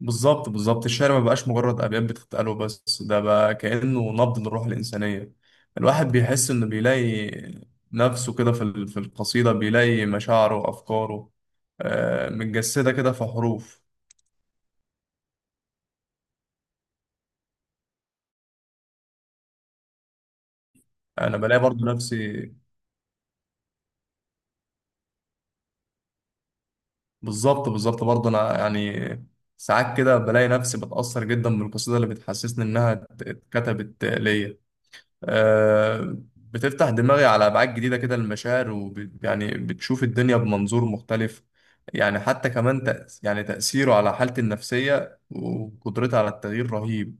بالظبط الشعر ما بقاش مجرد أبيات بتتقال وبس، ده بقى كأنه نبض للروح الإنسانية. الواحد بيحس إنه بيلاقي نفسه كده في القصيدة، بيلاقي مشاعره وأفكاره متجسدة كده في حروف. أنا بلاقي برضو نفسي. بالظبط برضو أنا ساعات كده بلاقي نفسي بتأثر جدا بالقصيدة اللي بتحسسني إنها اتكتبت ليا. آه، بتفتح دماغي على أبعاد جديدة كده للمشاعر، ويعني بتشوف الدنيا بمنظور مختلف. يعني حتى كمان تأس يعني تأثيره على حالتي النفسية وقدرتي على التغيير رهيب.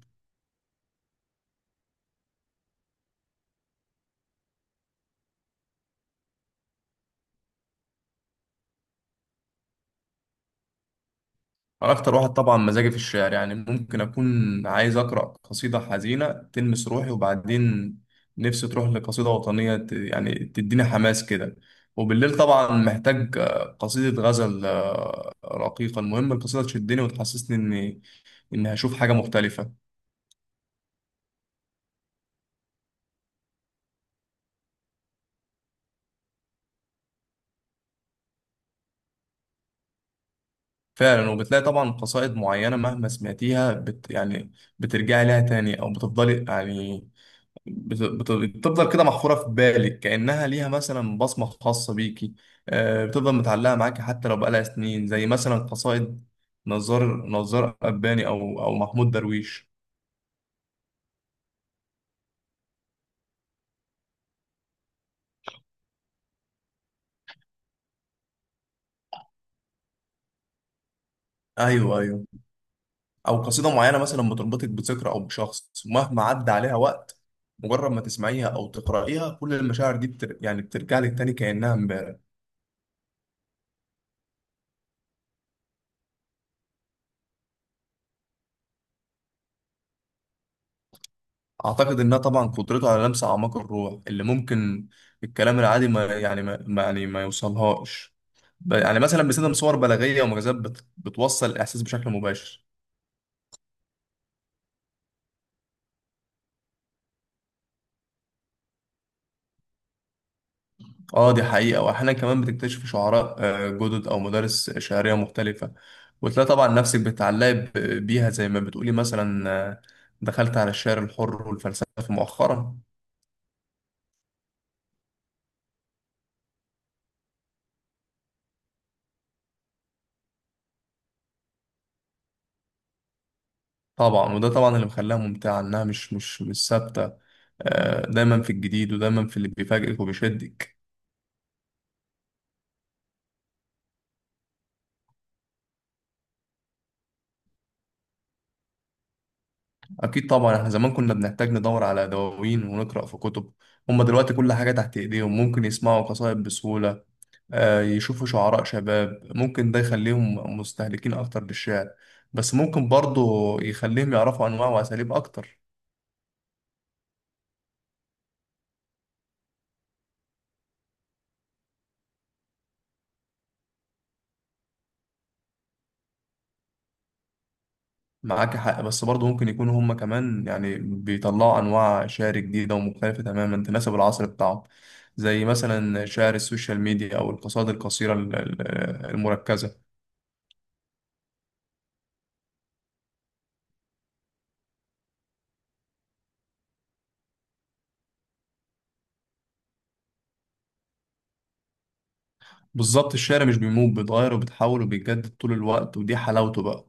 أنا أكتر واحد طبعا مزاجي في الشعر، يعني ممكن أكون عايز أقرأ قصيدة حزينة تلمس روحي، وبعدين نفسي تروح لقصيدة وطنية تديني حماس كده، وبالليل طبعا محتاج قصيدة غزل رقيقة. المهم القصيدة تشدني وتحسسني إني هشوف حاجة مختلفة. فعلا، وبتلاقي طبعا قصائد معينة مهما سمعتيها بت يعني بترجعي لها تاني، أو بتفضلي يعني بت بت بتفضل كده محفورة في بالك، كأنها ليها مثلا بصمة خاصة بيكي. بتفضل متعلقة معاكي حتى لو بقالها سنين، زي مثلا قصائد نزار قباني، أو محمود درويش. أيوه أيوه. أو قصيدة معينة مثلا بتربطك بذكرى أو بشخص، مهما عدى عليها وقت، مجرد ما تسمعيها أو تقرأيها كل المشاعر دي بترجع لك تاني كأنها امبارح. اعتقد انها طبعا قدرته على لمس اعماق الروح اللي ممكن الكلام العادي ما يوصلهاش. مثلا بيستخدم صور بلاغيه ومجازات بتوصل الاحساس بشكل مباشر. اه دي حقيقه. واحيانا كمان بتكتشف شعراء جدد او مدارس شعريه مختلفه، وتلاقي طبعا نفسك بتتعلقي بيها، زي ما بتقولي مثلا دخلت على الشعر الحر والفلسفه مؤخرا. طبعا، وده طبعا اللي مخليها ممتعة، إنها مش ثابتة. دايما في الجديد، ودايما في اللي بيفاجئك وبيشدك. أكيد طبعا، إحنا زمان كنا بنحتاج ندور على دواوين ونقرأ في كتب، هما دلوقتي كل حاجة تحت إيديهم، ممكن يسمعوا قصائد بسهولة، يشوفوا شعراء شباب. ممكن ده يخليهم مستهلكين أكتر للشعر، بس ممكن برضه يخليهم يعرفوا أنواع وأساليب أكتر. معاك حق، بس برضه ممكن يكونوا هم كمان يعني بيطلعوا أنواع شعر جديدة ومختلفة تماما تناسب العصر بتاعهم، زي مثلا شعر السوشيال ميديا أو القصائد القصيرة المركزة. بالظبط، الشعر مش بيموت، بيتغير وبيتحول وبيتجدد طول الوقت، ودي حلاوته بقى.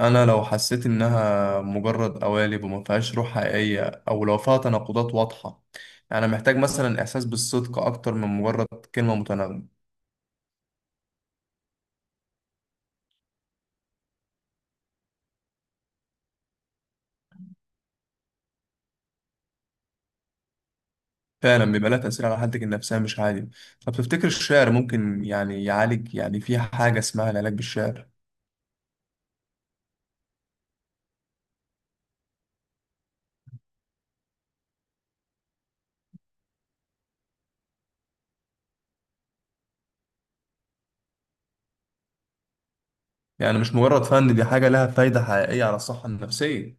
أنا لو حسيت إنها مجرد قوالب وما فيهاش روح حقيقية، أو لو فيها تناقضات واضحة، يعني محتاج مثلا إحساس بالصدق أكتر من مجرد كلمة متناغمة. فعلا بيبقى لها تأثير على حالتك النفسية مش عادي. طب تفتكر الشعر ممكن يعني يعالج؟ يعني في حاجة اسمها العلاج بالشعر؟ يعني مش مجرد فن، دي حاجة لها فايدة حقيقية على الصحة النفسية.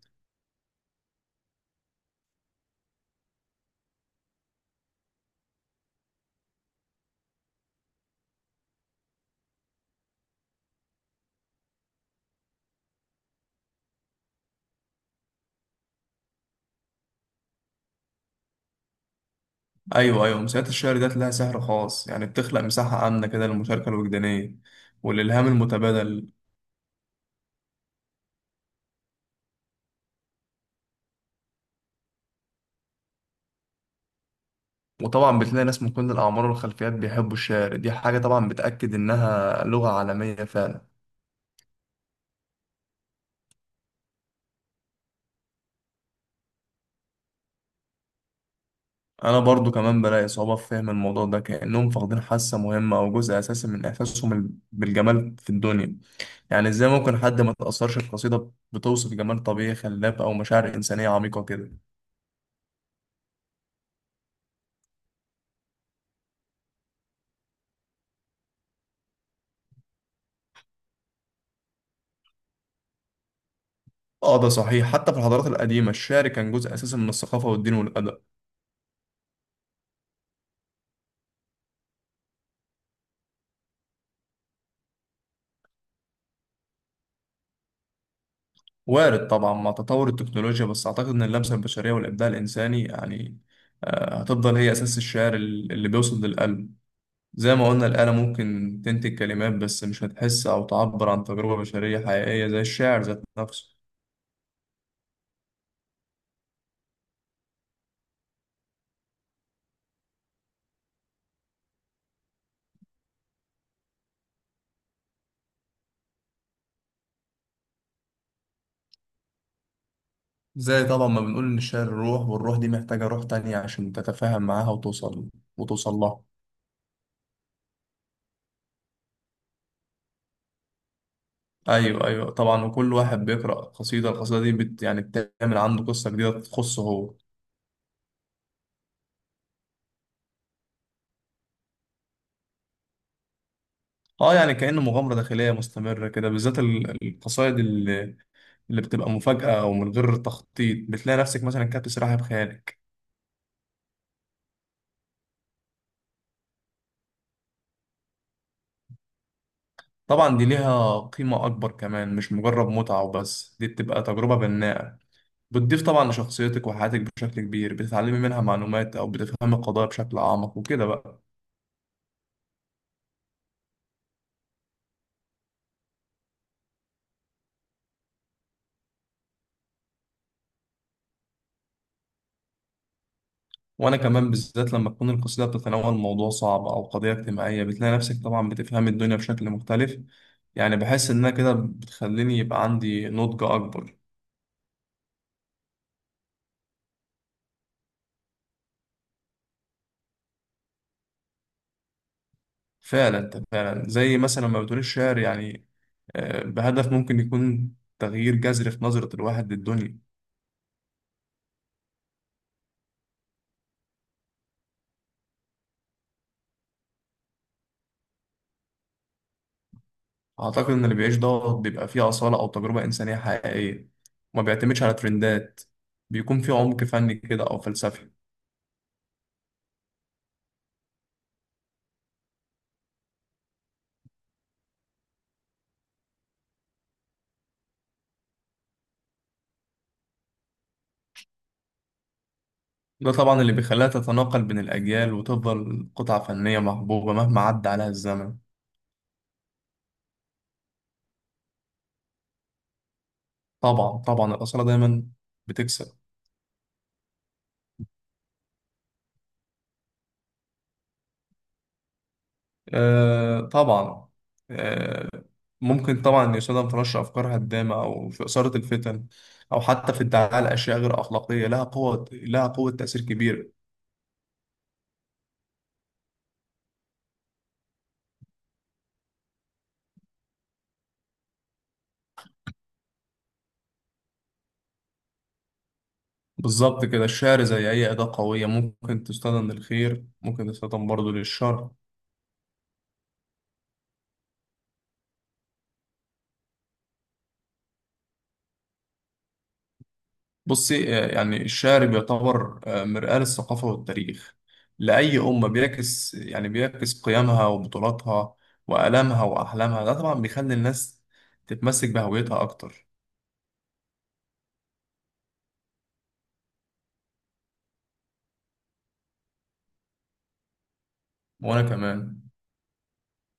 أيوة أيوة، أمسيات الشعر ديت لها سحر خاص، يعني بتخلق مساحة آمنة كده للمشاركة الوجدانية والإلهام المتبادل. وطبعا بتلاقي ناس من كل الأعمار والخلفيات بيحبوا الشعر، دي حاجة طبعا بتأكد إنها لغة عالمية فعلا. انا برضو كمان بلاقي صعوبة في فهم الموضوع ده، كأنهم فاقدين حاسة مهمة او جزء اساسي من احساسهم بالجمال في الدنيا. يعني ازاي ممكن حد ما تأثرش بقصيدة بتوصف جمال طبيعي خلاب او مشاعر انسانية عميقة كده؟ اه ده صحيح، حتى في الحضارات القديمة الشعر كان جزء اساسي من الثقافة والدين والادب. وارد طبعا مع تطور التكنولوجيا، بس اعتقد ان اللمسة البشرية والابداع الانساني يعني هتفضل هي اساس الشعر اللي بيوصل للقلب. زي ما قلنا، الآلة ممكن تنتج كلمات بس مش هتحس أو تعبر عن تجربة بشرية حقيقية زي الشاعر ذات نفسه. زي طبعا ما بنقول إن الشعر روح، والروح دي محتاجة روح تانية عشان تتفاهم معاها وتوصل لها. أيوه أيوه طبعا، وكل واحد بيقرأ قصيدة، القصيدة دي بت يعني بتعمل عنده قصة جديدة تخصه هو. اه يعني كأنه مغامرة داخلية مستمرة كده، بالذات القصائد اللي بتبقى مفاجأة أو من غير تخطيط، بتلاقي نفسك مثلا كاتب سلاحف خيالك. طبعا دي ليها قيمة أكبر كمان، مش مجرد متعة وبس، دي بتبقى تجربة بناءة، بتضيف طبعا لشخصيتك وحياتك بشكل كبير، بتتعلمي منها معلومات أو بتفهمي القضايا بشكل أعمق وكده بقى. وأنا كمان، بالذات لما تكون القصيدة بتتناول موضوع صعب أو قضية اجتماعية، بتلاقي نفسك طبعا بتفهمي الدنيا بشكل مختلف. يعني بحس إنها كده بتخليني يبقى عندي نضج أكبر. فعلا أنت فعلا، زي مثلا ما بتقول الشعر يعني بهدف ممكن يكون تغيير جذري في نظرة الواحد للدنيا. أعتقد إن اللي بيعيش ده بيبقى فيه أصالة أو تجربة إنسانية حقيقية، وما بيعتمدش على ترندات، بيكون فيه عمق فني كده أو فلسفي. ده طبعا اللي بيخليها تتناقل بين الأجيال، وتفضل قطعة فنية محبوبة مهما عدى عليها الزمن. طبعا الأصالة دايما بتكسب. آه طبعا. آه. ممكن طبعا يستخدم في نشر أفكار هدامة أو في إثارة الفتن، أو حتى في ادعاء الأشياء غير أخلاقية، لها قوة تأثير كبير. بالظبط كده، الشعر زي أي أداة قوية، ممكن تستخدم للخير، ممكن تستخدم برضه للشر. بصي يعني الشعر بيعتبر مرآة للثقافة والتاريخ لأي أمة، بيعكس قيمها وبطولاتها وآلامها وأحلامها. ده طبعا بيخلي الناس تتمسك بهويتها أكتر. وأنا كمان.